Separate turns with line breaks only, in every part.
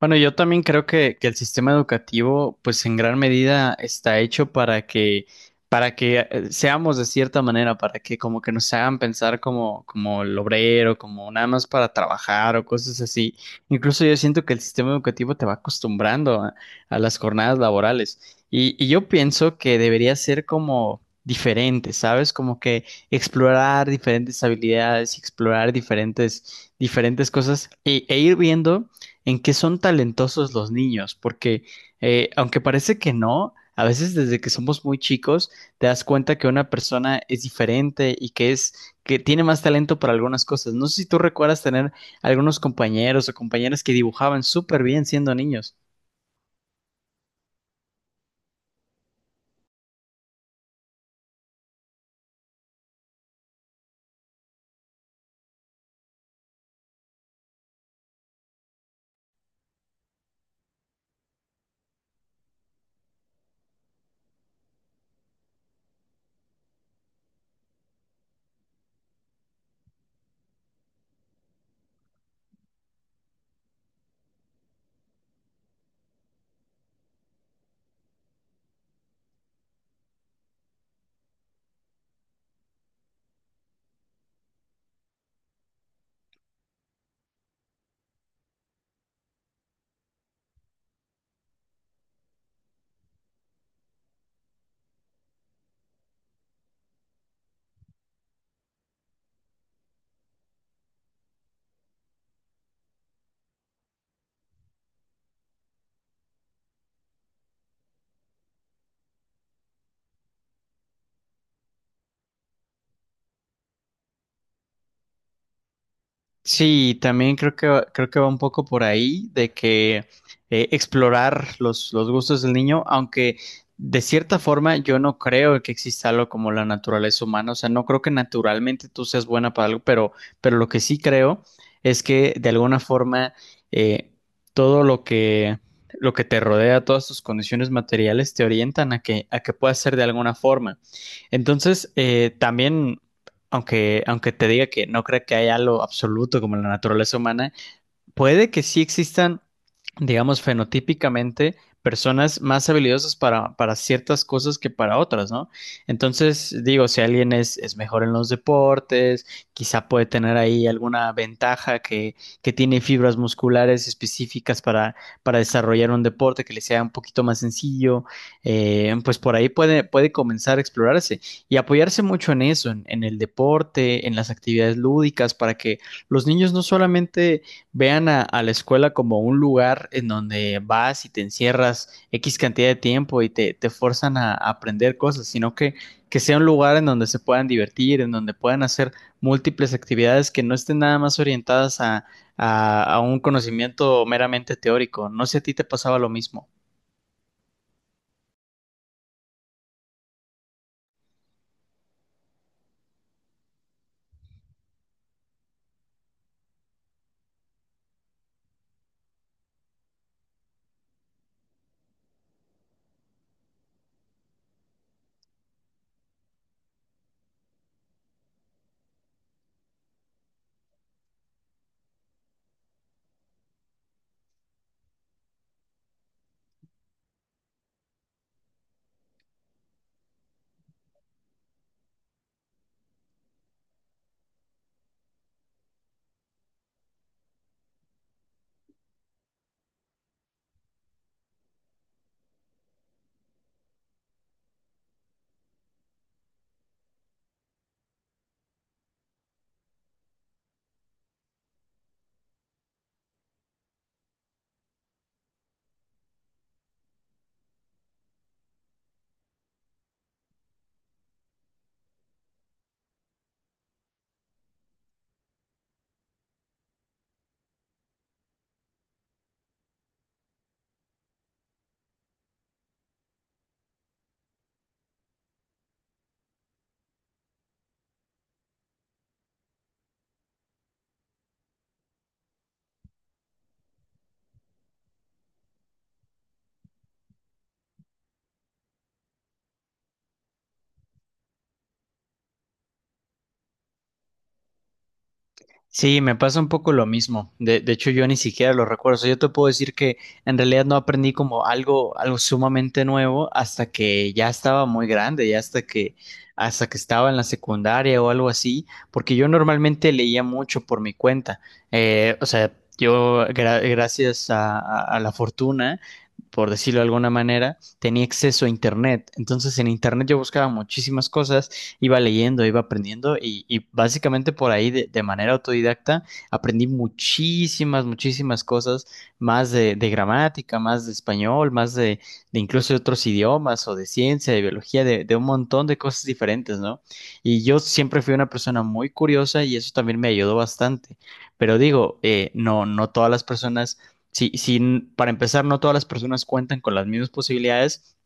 Bueno, yo también creo que el sistema educativo, pues en gran medida está hecho para que seamos de cierta manera, para que como que nos hagan pensar como el obrero, como nada más para trabajar o cosas así. Incluso yo siento que el sistema educativo te va acostumbrando a las jornadas laborales. Y yo pienso que debería ser como diferente, ¿sabes? Como que explorar diferentes habilidades, explorar diferentes cosas y ir viendo en qué son talentosos los niños, porque aunque parece que no, a veces desde que somos muy chicos te das cuenta que una persona es diferente y que tiene más talento para algunas cosas. No sé si tú recuerdas tener algunos compañeros o compañeras que dibujaban súper bien siendo niños. Sí, también creo que creo que va un poco por ahí de que explorar los gustos del niño, aunque de cierta forma yo no creo que exista algo como la naturaleza humana, o sea, no creo que naturalmente tú seas buena para algo, pero lo que sí creo es que de alguna forma eh, todo lo que te rodea, todas tus condiciones materiales te orientan a que puedas ser de alguna forma. Entonces, también aunque te diga que no creo que haya algo absoluto como la naturaleza humana, puede que sí existan, digamos, fenotípicamente personas más habilidosas para ciertas cosas que para otras, ¿no? Entonces, digo, si alguien es mejor en los deportes, quizá puede tener ahí alguna ventaja que tiene fibras musculares específicas para desarrollar un deporte que le sea un poquito más sencillo, pues por ahí puede comenzar a explorarse y apoyarse mucho en eso, en el deporte, en las actividades lúdicas, para que los niños no solamente vean a la escuela como un lugar en donde vas y te encierras X cantidad de tiempo y te forzan a aprender cosas, sino que sea un lugar en donde se puedan divertir, en donde puedan hacer múltiples actividades que no estén nada más orientadas a un conocimiento meramente teórico. No sé si a ti te pasaba lo mismo. Sí, me pasa un poco lo mismo. De hecho, yo ni siquiera lo recuerdo. O sea, yo te puedo decir que en realidad no aprendí como algo sumamente nuevo hasta que ya estaba muy grande, ya hasta hasta que estaba en la secundaria o algo así, porque yo normalmente leía mucho por mi cuenta. O sea, yo, gracias a la fortuna, por decirlo de alguna manera, tenía acceso a Internet. Entonces, en Internet yo buscaba muchísimas cosas iba leyendo, iba aprendiendo y básicamente por ahí de manera autodidacta aprendí muchísimas, muchísimas cosas más de gramática, más de español, más de incluso de otros idiomas o de ciencia, de biología, de un montón de cosas diferentes, ¿no? Y yo siempre fui una persona muy curiosa y eso también me ayudó bastante. Pero digo, no, no todas las personas, si, si, para empezar, no todas las personas cuentan con las mismas posibilidades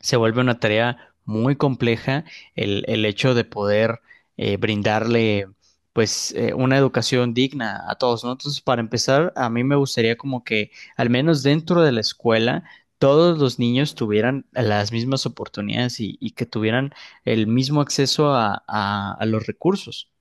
se vuelve una tarea muy compleja el hecho de poder brindarle pues una educación digna a todos, ¿no? Entonces, para empezar, a mí me gustaría como que al menos dentro de la escuela todos los niños tuvieran las mismas oportunidades y que tuvieran el mismo acceso a los recursos.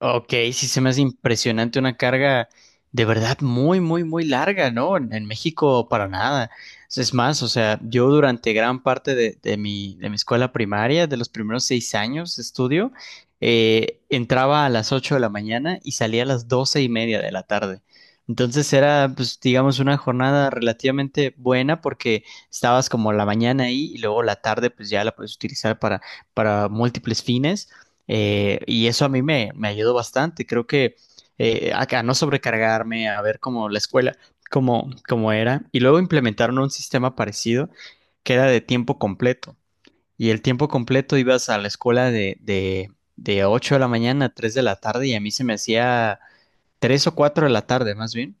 Ok, sí se me hace impresionante una carga de verdad muy, muy, muy larga, ¿no? En México para nada. Es más, o sea, yo durante gran parte de mi escuela primaria, de los primeros 6 años de estudio, entraba a las 8 de la mañana y salía a las 12:30 de la tarde. Entonces era, pues, digamos, una jornada relativamente buena porque estabas como la mañana ahí y luego la tarde, pues ya la puedes utilizar para múltiples fines. Y eso a mí me ayudó bastante. Creo que acá no sobrecargarme, a ver cómo la cómo, cómo era. Y luego implementaron un sistema parecido que era de tiempo completo. Y el tiempo completo ibas a la escuela de 8 de la mañana a 3 de la tarde y a mí se me hacía 3 o 4 de la tarde más bien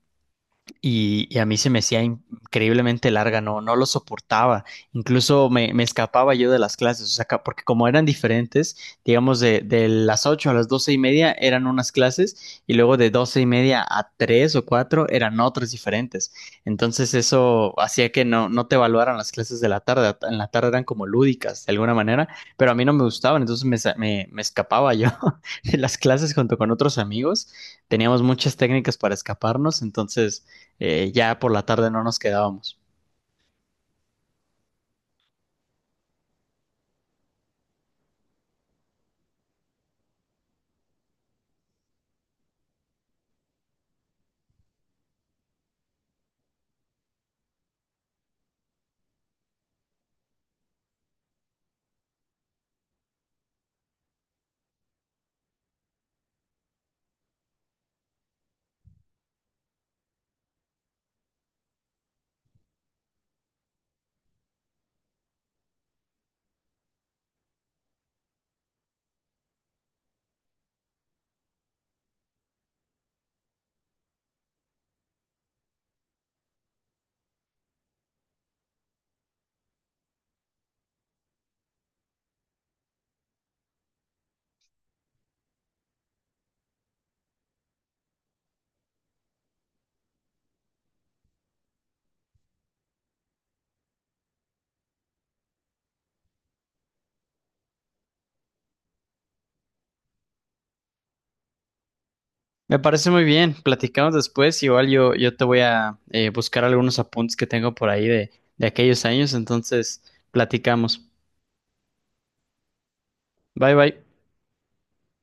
y a mí se me hacía increíblemente larga, no, no lo soportaba. Incluso me escapaba yo de las clases, o sea, porque como eran diferentes, digamos de las 8 a las 12:30 eran unas clases y luego de 12:30 a 3 o 4 eran otras diferentes. Entonces eso hacía que no, no te evaluaran las clases de la tarde, en la tarde eran como lúdicas de alguna manera, pero a mí no me gustaban, entonces me escapaba yo de las clases junto con otros amigos. Teníamos muchas técnicas para escaparnos, entonces ya por la tarde no nos quedábamos. Me parece muy bien, platicamos después, igual yo te voy a buscar algunos apuntes que tengo por ahí de aquellos años, entonces platicamos. Bye bye.